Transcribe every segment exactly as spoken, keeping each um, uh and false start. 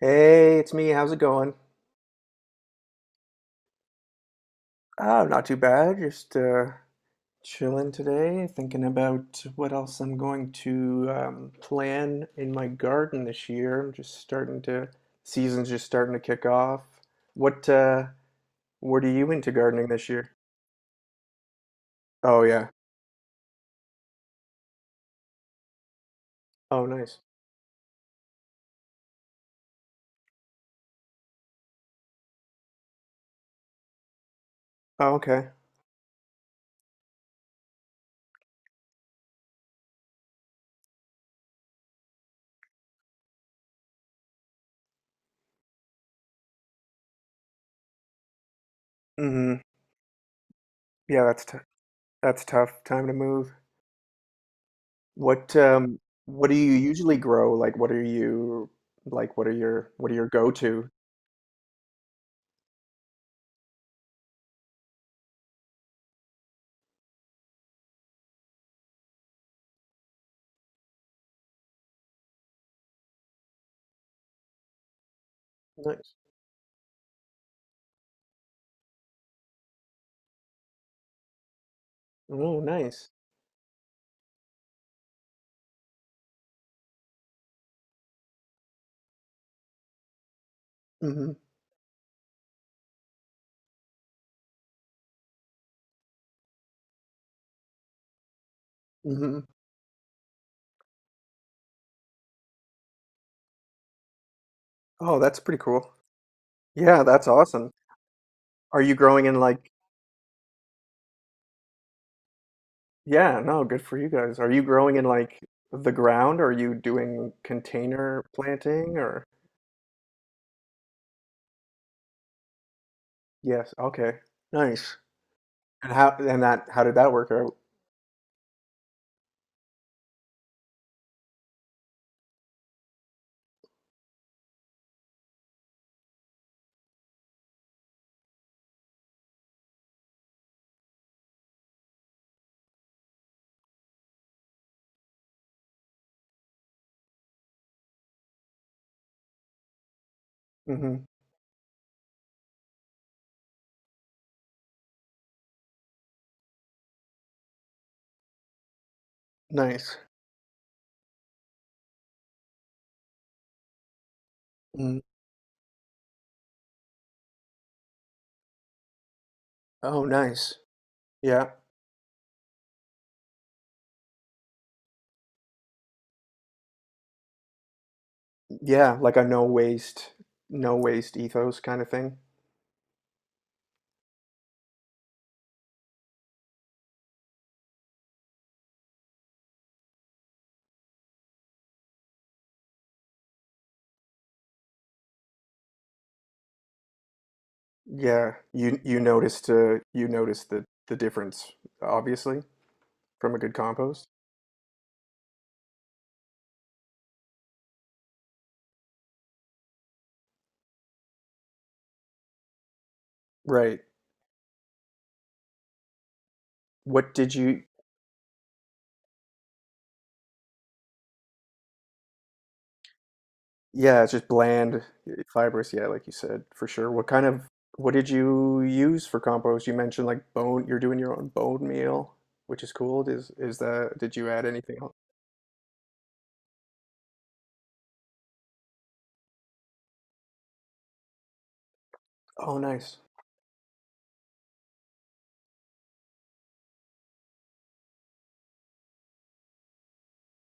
Hey, it's me. How's it going? Oh, not too bad. Just uh, chilling today, thinking about what else I'm going to um, plan in my garden this year. I'm just starting to, Season's just starting to kick off. What uh, what are you into gardening this year? Oh yeah. Oh, nice. Oh, okay. Mm-hmm. Yeah, that's t that's tough. Time to move. What um, what do you usually grow? Like, what are you like? What are your what are your go-to? Nice. Oh, nice. Mhm, mhm. Oh, that's pretty cool. Yeah, that's awesome. Are you growing in like, yeah, no, good for you guys. Are you growing in like the ground? Or are you doing container planting or? Yes, okay. Nice. And how and that how did that work out? Hmm. Nice. Mm. Oh, nice. Yeah. Yeah, like a no waste, no waste ethos kind of thing. Yeah, you you noticed uh you noticed the the difference obviously from a good compost. Right. What did you, yeah, it's just bland, eh, fibrous, yeah, like you said, for sure. What kind of, what did you use for compost? You mentioned like bone, you're doing your own bone meal, which is cool. Is is that, did you add anything else? Oh, nice.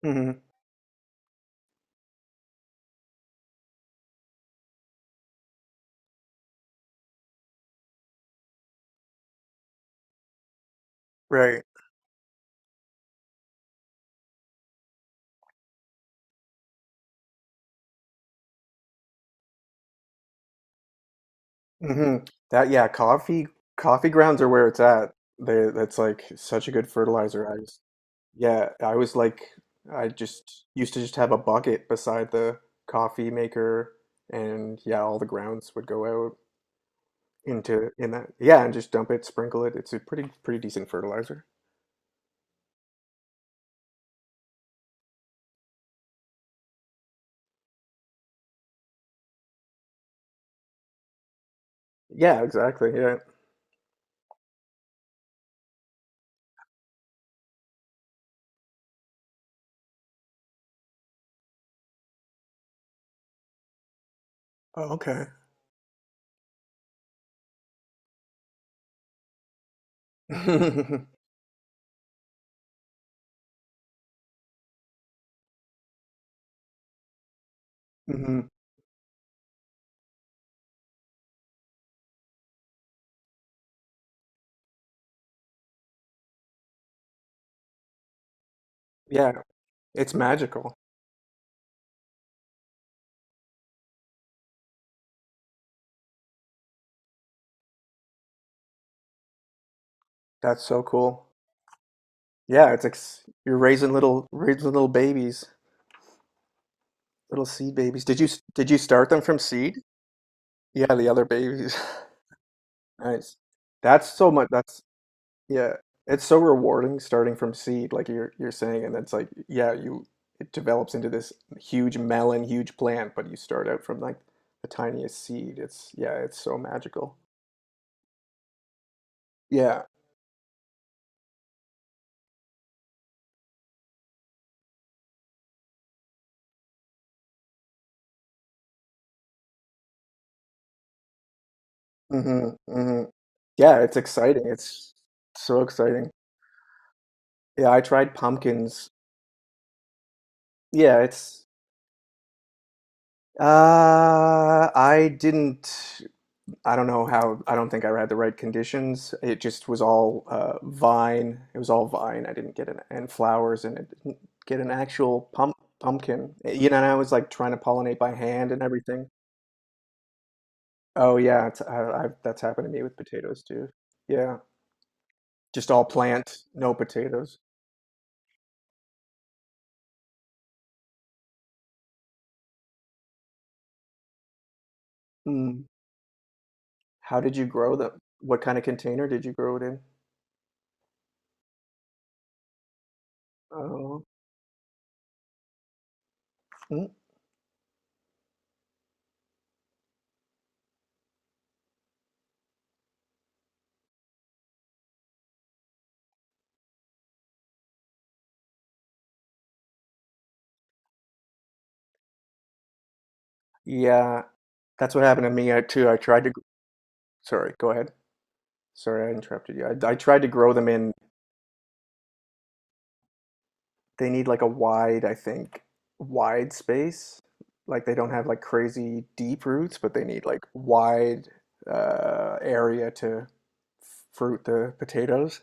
Hmm. Right. Hmm. That, yeah, coffee, coffee grounds are where it's at. They, that's like such a good fertilizer. I just, yeah, I was like, I just used to just have a bucket beside the coffee maker, and yeah, all the grounds would go out. into in that. Yeah, and just dump it, sprinkle it. It's a pretty pretty decent fertilizer. Yeah, exactly. Yeah. Oh, okay. Hmm. Yeah, it's magical. That's so cool. Yeah, it's ex you're raising little raising little babies, little seed babies. Did you s- did you start them from seed? Yeah, the other babies. Nice. That's so much. That's Yeah, it's so rewarding starting from seed, like you're you're saying, and it's like, yeah, you it develops into this huge melon, huge plant, but you start out from like the tiniest seed. It's yeah, it's so magical. Yeah. Hmm. Hmm. Yeah, it's exciting. It's so exciting. Yeah, I tried pumpkins. Yeah, it's uh I didn't I don't know how. I don't think I had the right conditions. It just was all uh, vine. It was all vine. I didn't get an and flowers, and I didn't get an actual pump pumpkin. Eh, You know, and I was like trying to pollinate by hand and everything. Oh yeah, it's, I, I, that's happened to me with potatoes too. Yeah, just all plant, no potatoes. Mm. How did you grow them? What kind of container did you grow it in? Oh, mm. Yeah, that's what happened to me uh, too. I tried to. Gr- Sorry, go ahead. Sorry, I interrupted you. I, I tried to grow them in. They need like a wide, I think, wide space. Like they don't have like crazy deep roots, but they need like wide uh, area to fruit the potatoes,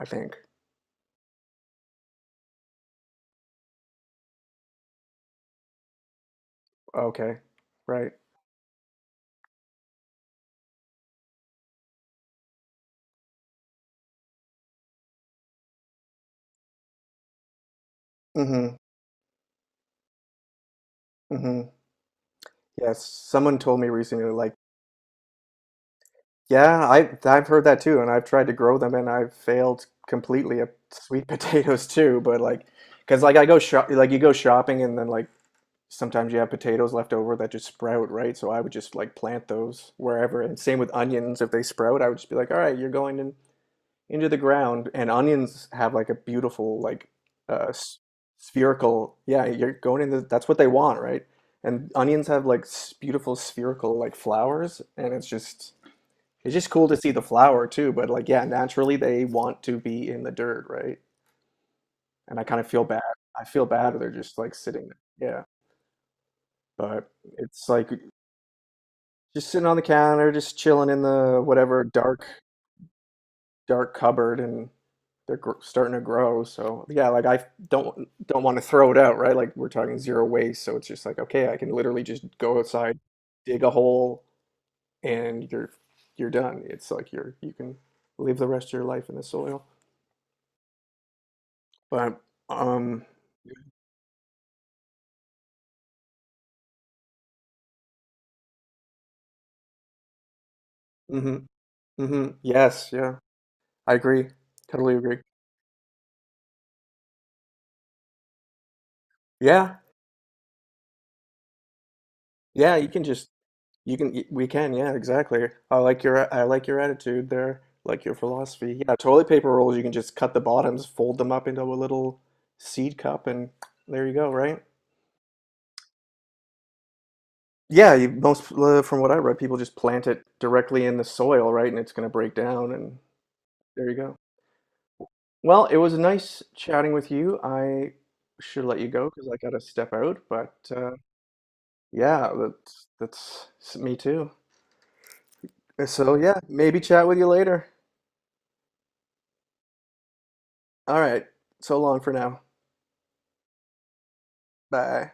I think. Okay, right. Mm-hmm. Mm-hmm. Yes, someone told me recently, like, yeah, I I've heard that too, and I've tried to grow them, and I've failed completely at sweet potatoes too. But like, because like I go shop, like you go shopping, and then like sometimes you have potatoes left over that just sprout, right? So I would just like plant those wherever. And same with onions, if they sprout, I would just be like, all right, you're going in, into the ground. And onions have like a beautiful, like uh, spherical, yeah, you're going in the, that's what they want, right? And onions have like s- beautiful spherical like flowers, and it's just it's just cool to see the flower too. But like, yeah, naturally they want to be in the dirt, right? And I kind of feel bad. I feel bad. They're just like sitting there. Yeah but it's like Just sitting on the counter, just chilling in the whatever dark dark cupboard, and they're gr starting to grow. So yeah, like I don't don't want to throw it out, right? Like we're talking zero waste, so it's just like okay, I can literally just go outside, dig a hole, and you're you're done. It's like you're you can live the rest of your life in the soil. But um, mm-hmm, mm-hmm, yes, yeah, I agree, totally agree. Yeah, yeah, you can just. You can, we can, yeah, exactly. I like your, I like your attitude there, like your philosophy. Yeah, toilet paper rolls, you can just cut the bottoms, fold them up into a little seed cup, and there you go, right? Yeah, you, most uh, from what I read, people just plant it directly in the soil, right? And it's going to break down, and there you go. Well, it was nice chatting with you. I should let you go because I got to step out, but uh, yeah, that's that's me too. So yeah, maybe chat with you later. All right, so long for now. Bye.